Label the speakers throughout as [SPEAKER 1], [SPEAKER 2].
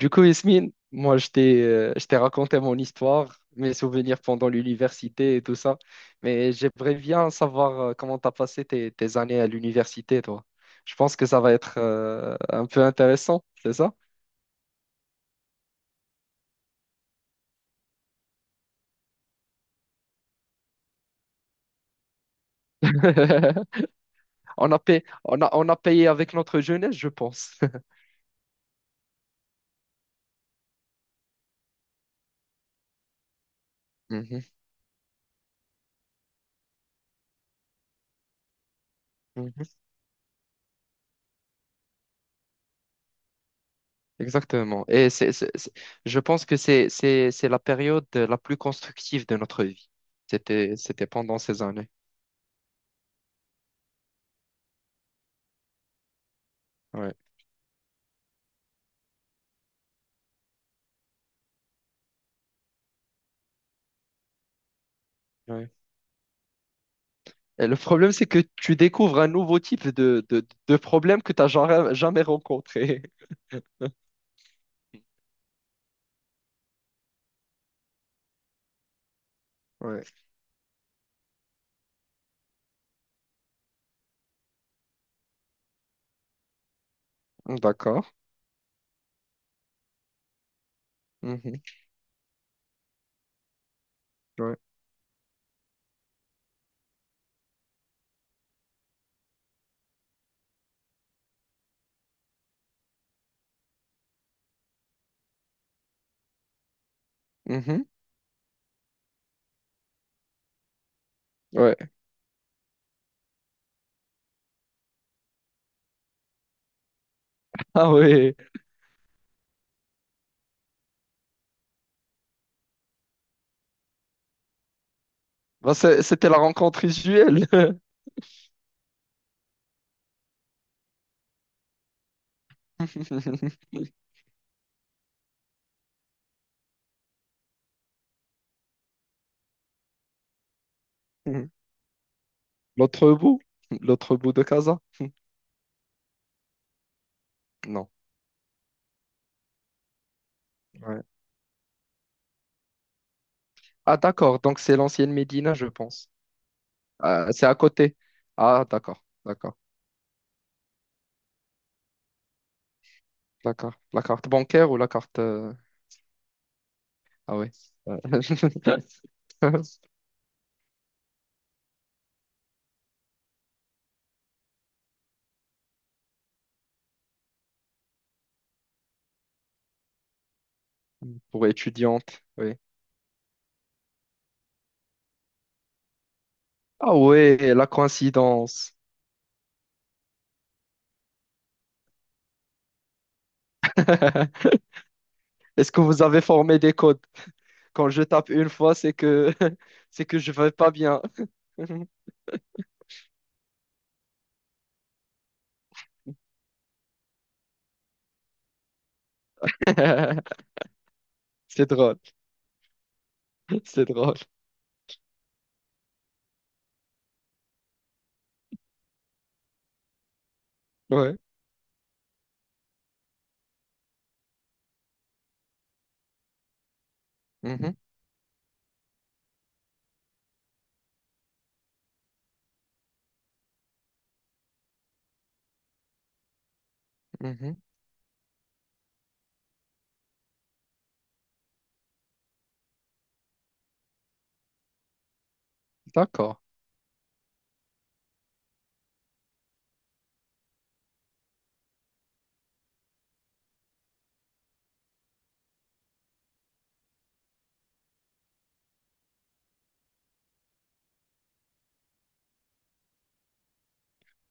[SPEAKER 1] Du coup, Yasmine, moi, je t'ai raconté mon histoire, mes souvenirs pendant l'université et tout ça, mais j'aimerais bien savoir comment t'as passé tes années à l'université, toi. Je pense que ça va être un peu intéressant, c'est ça? On a payé, on a payé avec notre jeunesse, je pense. Mhm, mhm. Exactement. Et je pense que c'est la période la plus constructive de notre vie. C'était pendant ces années. Ouais. Ouais. Et le problème, c'est que tu découvres un nouveau type de problème que tu n'as jamais, jamais rencontré. Ouais. D'accord. Mhm. Ouais. Mhm. Ouais. Ah oui. Bah, c'était la rencontre visuelle. L'autre bout. L'autre bout de Casa. Non. Ouais. Ah d'accord. Donc c'est l'ancienne Médina, je pense. Ah, c'est à côté. Ah d'accord. D'accord. D'accord. La carte bancaire ou la carte. Ah oui. Pour étudiante. Oui. Ah ouais, la coïncidence. Est-ce que vous avez formé des codes? Quand je tape une fois, c'est que c'est que je vais pas bien. C'est drôle, c'est drôle. Ouais. Mhm, mhm. D'accord.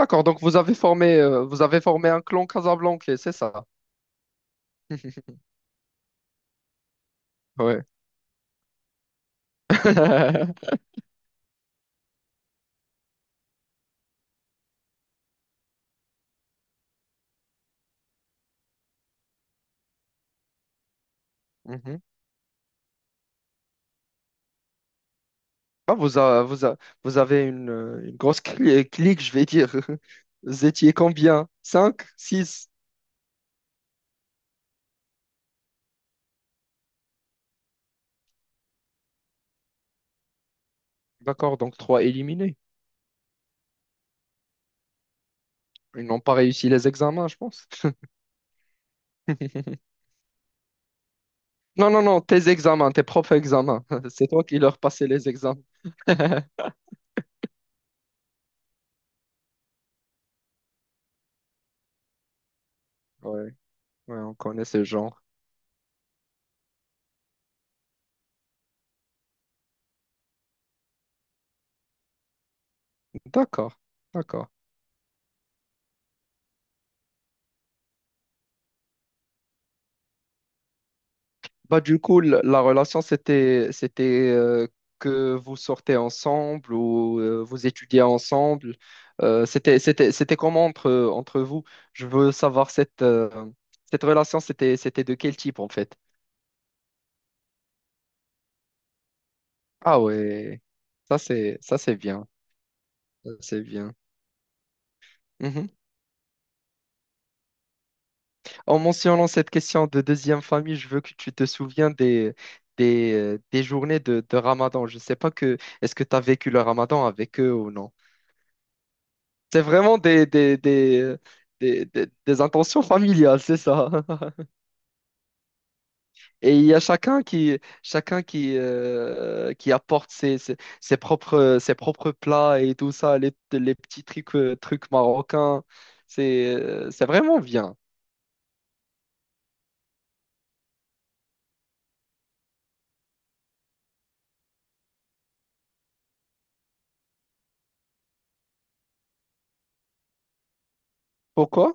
[SPEAKER 1] D'accord. Donc vous avez formé un clan casablancais, c'est ça? Ouais. Mhm. Ah, vous avez une grosse clique, je vais dire. Vous étiez combien? Cinq six. D'accord, donc trois éliminés. Ils n'ont pas réussi les examens, je pense. Non, non, non, tes examens, tes propres examens. C'est toi qui leur passais les examens. Ouais, ouais, on connaît ce genre. D'accord, d'accord. Bah, du coup, la relation, c'était, c'était que vous sortez ensemble ou vous étudiez ensemble. C'était comment entre vous? Je veux savoir cette relation, c'était de quel type en fait? Ah ouais, ça c'est bien. Ça, c'est bien. Mhm. En mentionnant cette question de deuxième famille, je veux que tu te souviens des journées de Ramadan. Je ne sais pas que est-ce que tu as vécu le Ramadan avec eux ou non. C'est vraiment des intentions familiales, c'est ça. Et il y a chacun qui apporte ses propres plats et tout ça, les petits trucs marocains. C'est vraiment bien. Pourquoi?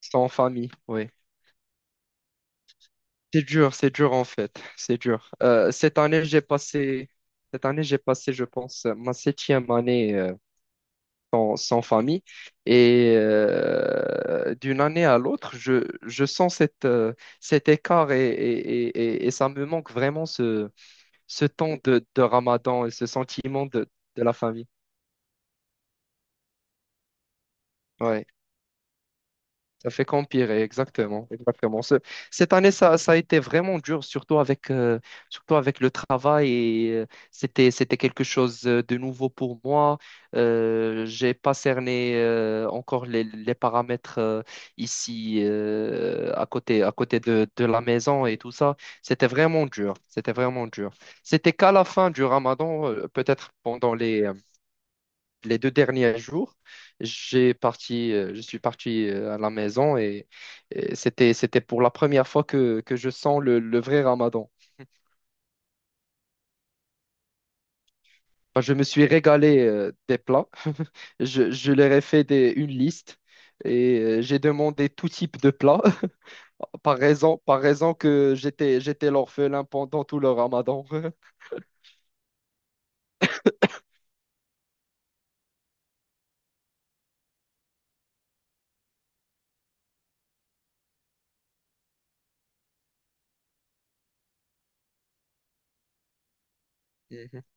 [SPEAKER 1] C'est en famille, oui. C'est dur en fait, c'est dur. Cette année, j'ai passé, je pense, ma septième année sans famille. Et d'une année à l'autre, je sens cet écart et ça me manque vraiment ce temps de Ramadan et ce sentiment de la famille. Ouais. Ça fait qu'empirer, exactement, exactement. Cette année, ça a été vraiment dur, surtout surtout avec le travail. Et c'était quelque chose de nouveau pour moi. J'ai pas cerné encore les paramètres ici, à côté de la maison et tout ça. C'était vraiment dur. C'était vraiment dur. C'était qu'à la fin du Ramadan, peut-être pendant les 2 derniers jours, je suis parti à la maison et c'était pour la première fois que je sens le vrai Ramadan. Enfin, je me suis régalé des plats. Je leur ai fait une liste et j'ai demandé tout type de plats par raison que j'étais l'orphelin pendant tout le Ramadan.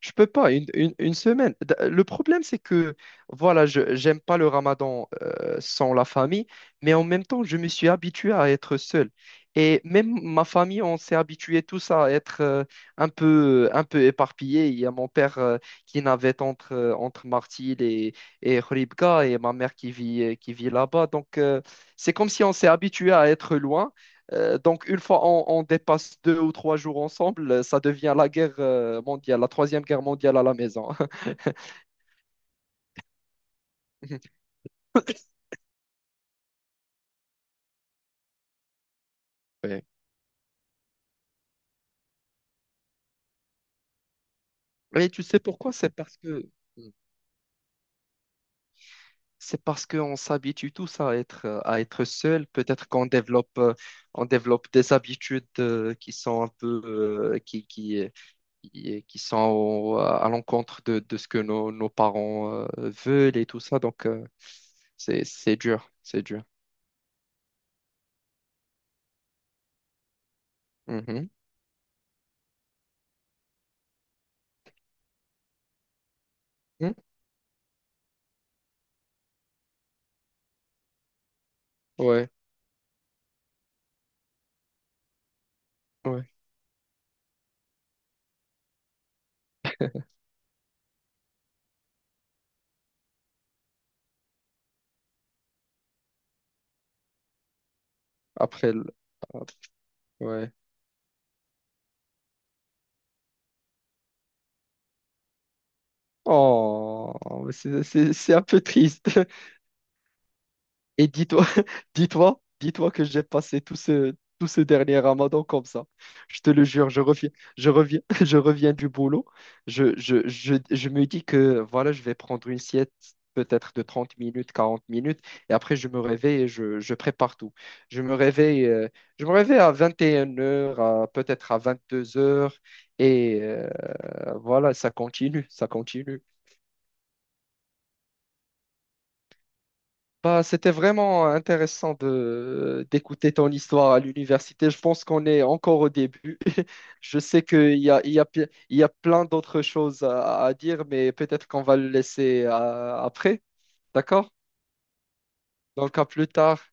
[SPEAKER 1] Je peux pas, une semaine. Le problème, c'est que, voilà, je j'aime pas le ramadan sans la famille, mais en même temps, je me suis habitué à être seul. Et même ma famille, on s'est habitué tous à être un peu éparpillés. Il y a mon père qui navette entre Martil et Khouribga, et ma mère qui vit là-bas. Donc, c'est comme si on s'est habitué à être loin. Donc, une fois on dépasse 2 ou 3 jours ensemble, ça devient la guerre mondiale, la troisième guerre mondiale à la maison. Ouais. Et tu sais pourquoi? C'est parce qu'on s'habitue tous à être seul. Peut-être qu'on développe on développe des habitudes qui sont un peu euh, qui, qui qui sont à l'encontre de ce que nos parents veulent et tout ça. Donc c'est dur, c'est dur. Mhm. Mhm. Ouais, ouais. Après, hop, ouais. Oh, mais c'est un peu triste. Et dis-toi, dis-toi, dis-toi que j'ai passé tout ce dernier Ramadan comme ça. Je te le jure, je reviens, je reviens du boulot. Je me dis que voilà, je vais prendre une sieste peut-être de 30 minutes, 40 minutes, et après je me réveille et je prépare tout. Je me réveille, euh, je me réveille à 21 heures, peut-être à 22 heures et euh, Voilà, ça continue, ça continue. Bah, c'était vraiment intéressant de d'écouter ton histoire à l'université. Je pense qu'on est encore au début. Je sais qu'il y a, il y a, pi- il y a plein d'autres choses à dire, mais peut-être qu'on va le laisser après. D'accord? Donc, à plus tard.